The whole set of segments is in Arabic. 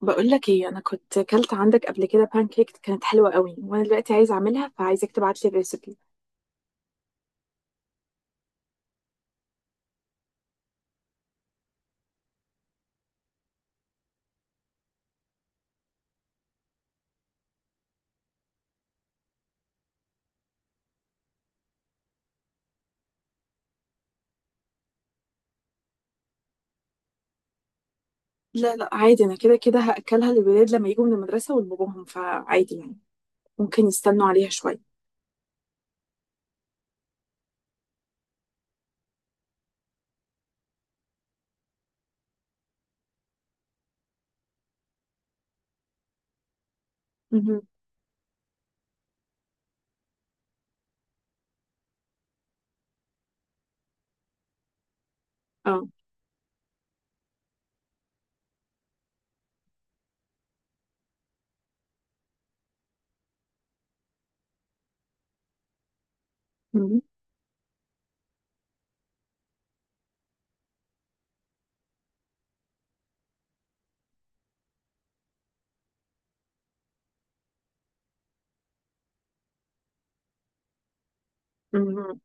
بقول لك ايه، انا كنت كلت عندك قبل كده كيك كانت حلوه قوي، وانا دلوقتي عايزه اعملها فعايزك تبعت لي الريسبي. لا لا، عادي انا كده كده هاكلها للولاد لما يجوا من المدرسه ولباباهم، فعادي يعني ممكن يستنوا عليها شويه. مهم. اه. مهم. مهم.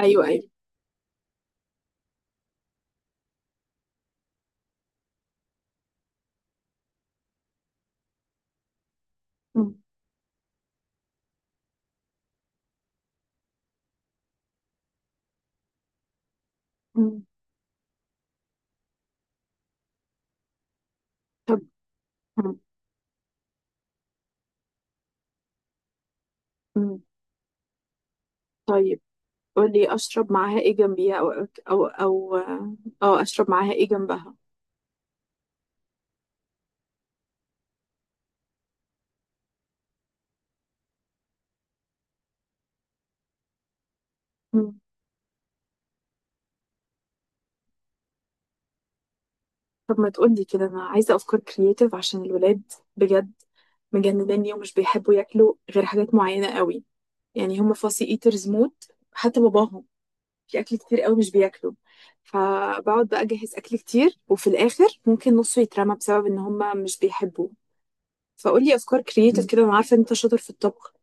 ايوه ايوه. مم. مم. طب. مم. مم. طيب. قول لي اشرب معاها ايه جنبيها، او او او اه اشرب معاها ايه جنبها؟ طب ما تقولي كده، انا عايزه افكار كرييتيف عشان الولاد، بجد مجنناني ومش بيحبوا ياكلوا غير حاجات معينه قوي. يعني هم فاسي ايترز موت، حتى باباهم. في اكل كتير قوي مش بياكلوا، فبقعد بقى اجهز اكل كتير وفي الاخر ممكن نصه يترمى بسبب ان هم مش بيحبوه. فقولي افكار كرييتيف كده، انا عارفه ان انت شاطر في الطبخ.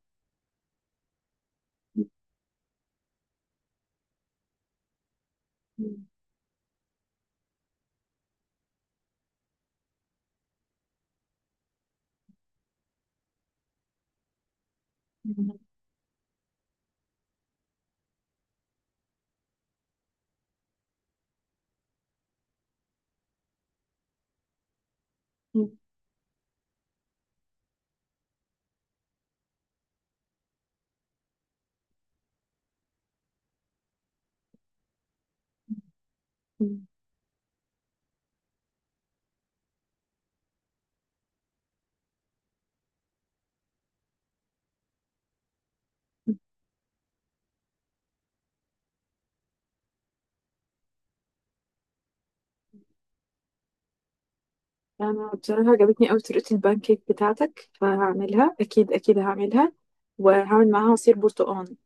انا بصراحه عجبتني قوي طريقه البانكيك بتاعتك، فهعملها اكيد، اكيد هعملها. وهعمل معاها عصير برتقال.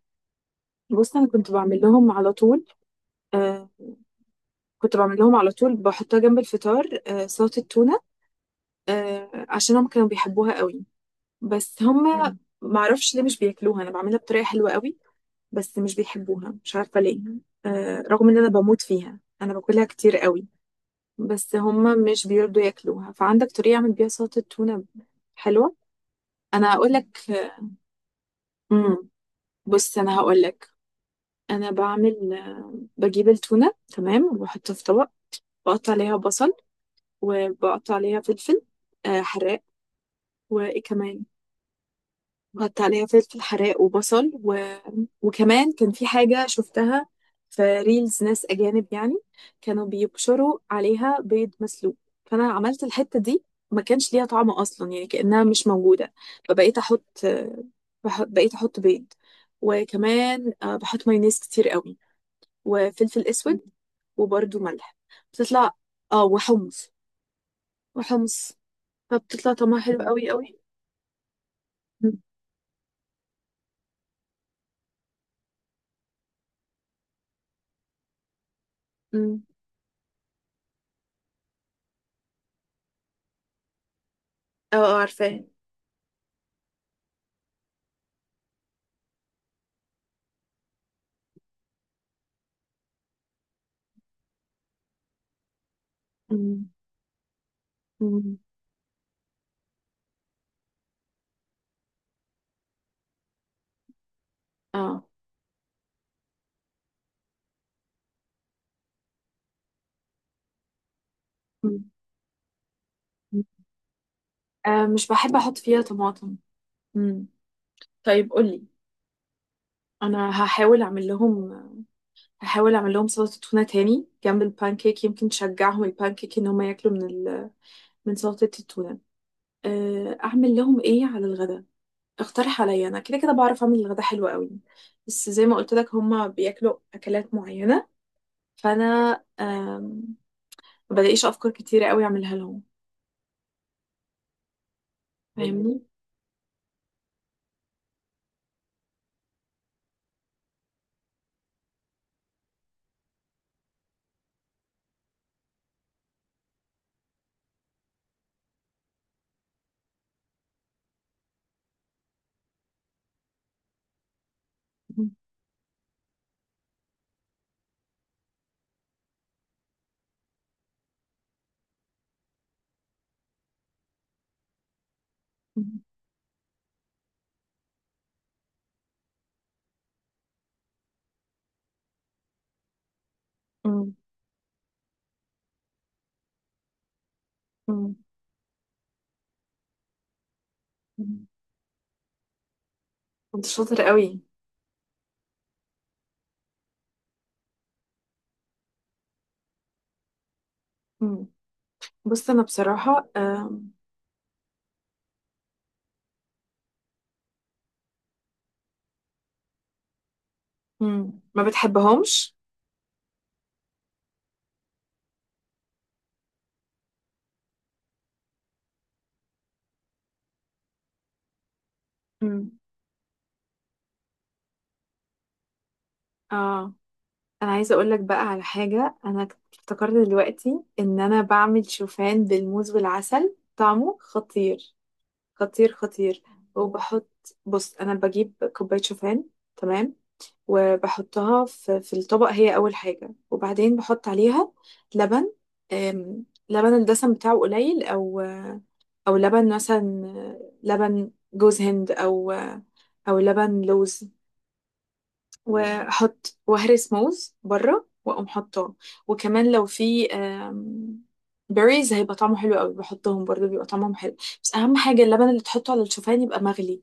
بص انا كنت بعمل لهم على طول. آه. كنت بعمل لهم على طول، بحطها جنب الفطار، آه، سلطة تونة، آه، عشان هم كانوا بيحبوها قوي. بس هم معرفش ليه مش بياكلوها، انا بعملها بطريقة حلوة قوي بس مش بيحبوها، مش عارفة ليه. آه، رغم ان انا بموت فيها، انا باكلها كتير قوي بس هم مش بيرضوا ياكلوها. فعندك طريقة اعمل بيها سلطة تونة حلوة؟ انا هقول لك. امم. بص انا هقول لك. انا بعمل، بجيب التونة، تمام، وبحطها في طبق. بقطع عليها بصل، وبقطع عليها فلفل، حراق. وايه كمان؟ بقطع عليها فلفل حراق وبصل وكمان كان في حاجة شفتها في ريلز، ناس أجانب يعني، كانوا بيبشروا عليها بيض مسلوق. فأنا عملت الحتة دي، ما كانش ليها طعم أصلا، يعني كأنها مش موجودة. فبقيت أحط، بقيت أحط بيض. وكمان بحط مايونيز كتير قوي وفلفل أسود وبرده ملح. بتطلع، اه وحمص. وحمص. فبتطلع طعمها حلو قوي قوي. مم. مم. اه اه، عارفاه. مم. مم. اه. مم. آه، مش بحب احط فيها طماطم. مم. طيب قولي. انا هحاول اعمل لهم، هحاول اعمل لهم سلطه تونه تاني جنب البانكيك، يمكن تشجعهم البانكيك ان هم ياكلوا من سلطه التونه. اعمل لهم ايه على الغدا؟ اقترح عليا، انا كده كده بعرف اعمل الغدا حلو قوي، بس زي ما قلت لك هم بياكلوا اكلات معينه. فانا، آم، ما بلاقيش افكار كتيره قوي اعملها لهم. فاهمني؟ مم. مم. مم. انت شاطر قوي. مم. بص انا بصراحة، مم. ما بتحبهمش؟ مم. اه. انا عايزة اقول لك بقى على حاجة، انا افتكرت دلوقتي ان انا بعمل شوفان بالموز والعسل، طعمه خطير. خطير خطير. وبحط بص انا بجيب كوباية شوفان، تمام، وبحطها في الطبق، هي اول حاجة. وبعدين بحط عليها لبن، لبن الدسم بتاعه قليل، او لبن مثلا لبن جوز هند، او لبن لوز. واحط وهرس موز بره واقوم حاطاه. وكمان لو في بيريز، هيبقى طعمه حلو قوي. بحطهم برضه، بيبقى طعمهم حلو. بس اهم حاجه اللبن اللي تحطه على الشوفان يبقى مغلي،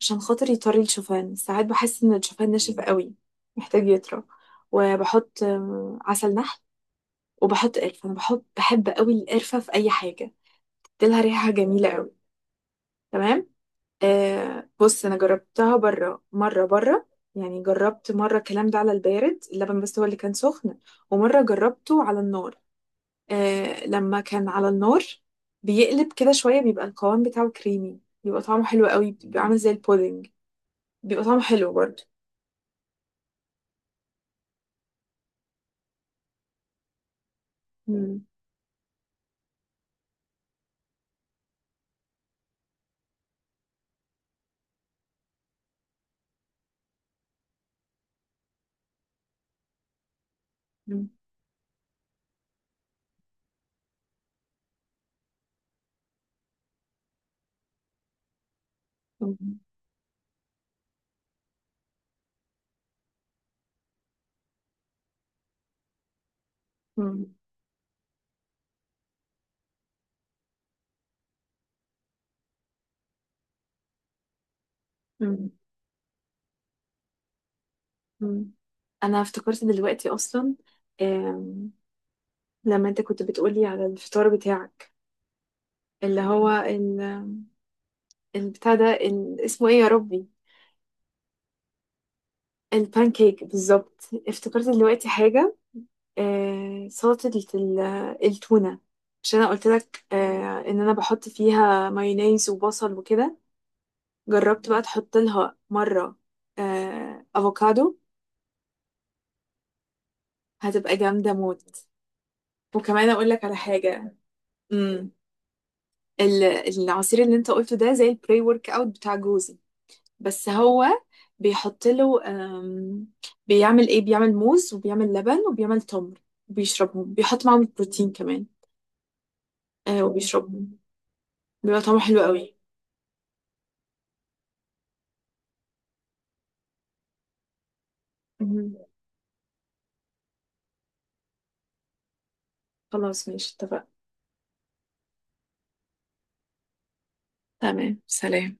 عشان خاطر يطري الشوفان. ساعات بحس ان الشوفان ناشف قوي محتاج يطرى. وبحط عسل نحل. وبحط قرفه، انا بحب قوي القرفه في اي حاجه، تديلها ريحه جميله قوي. تمام. آه، بص انا جربتها بره مره بره. يعني جربت مره الكلام ده على البارد، اللبن بس هو اللي كان سخن. ومره جربته على النار، آه لما كان على النار بيقلب كده شويه، بيبقى القوام بتاعه كريمي، بيبقى طعمه حلو قوي، بيبقى عامل زي البودنج. بيبقى طعمه حلو برضه. مم. مم. مم. مم. مم. مم. انا افتكرت دلوقتي اصلا، آم، لما انت كنت بتقولي على الفطار بتاعك، اللي هو البتاع ده، اسمه ايه يا ربي؟ البانكيك بالظبط. افتكرت دلوقتي حاجة، آه سلطة ال- التونة. عشان انا قلت لك آه ان انا بحط فيها مايونيز وبصل وكده، جربت بقى تحط لها مرة آه افوكادو؟ هتبقى جامدة موت. وكمان اقول لك على حاجة. امم. ال- العصير اللي انت قلته ده زي البري ورك اوت بتاع جوزي. بس هو بيحط له، بيعمل موز وبيعمل لبن وبيعمل تمر، بيشربهم، بيحط معاهم البروتين كمان. آه، وبيشربهم، بيبقى طعمه حلو قوي. مهم. خلاص، ماشي، اتفقنا. تمام، سلام.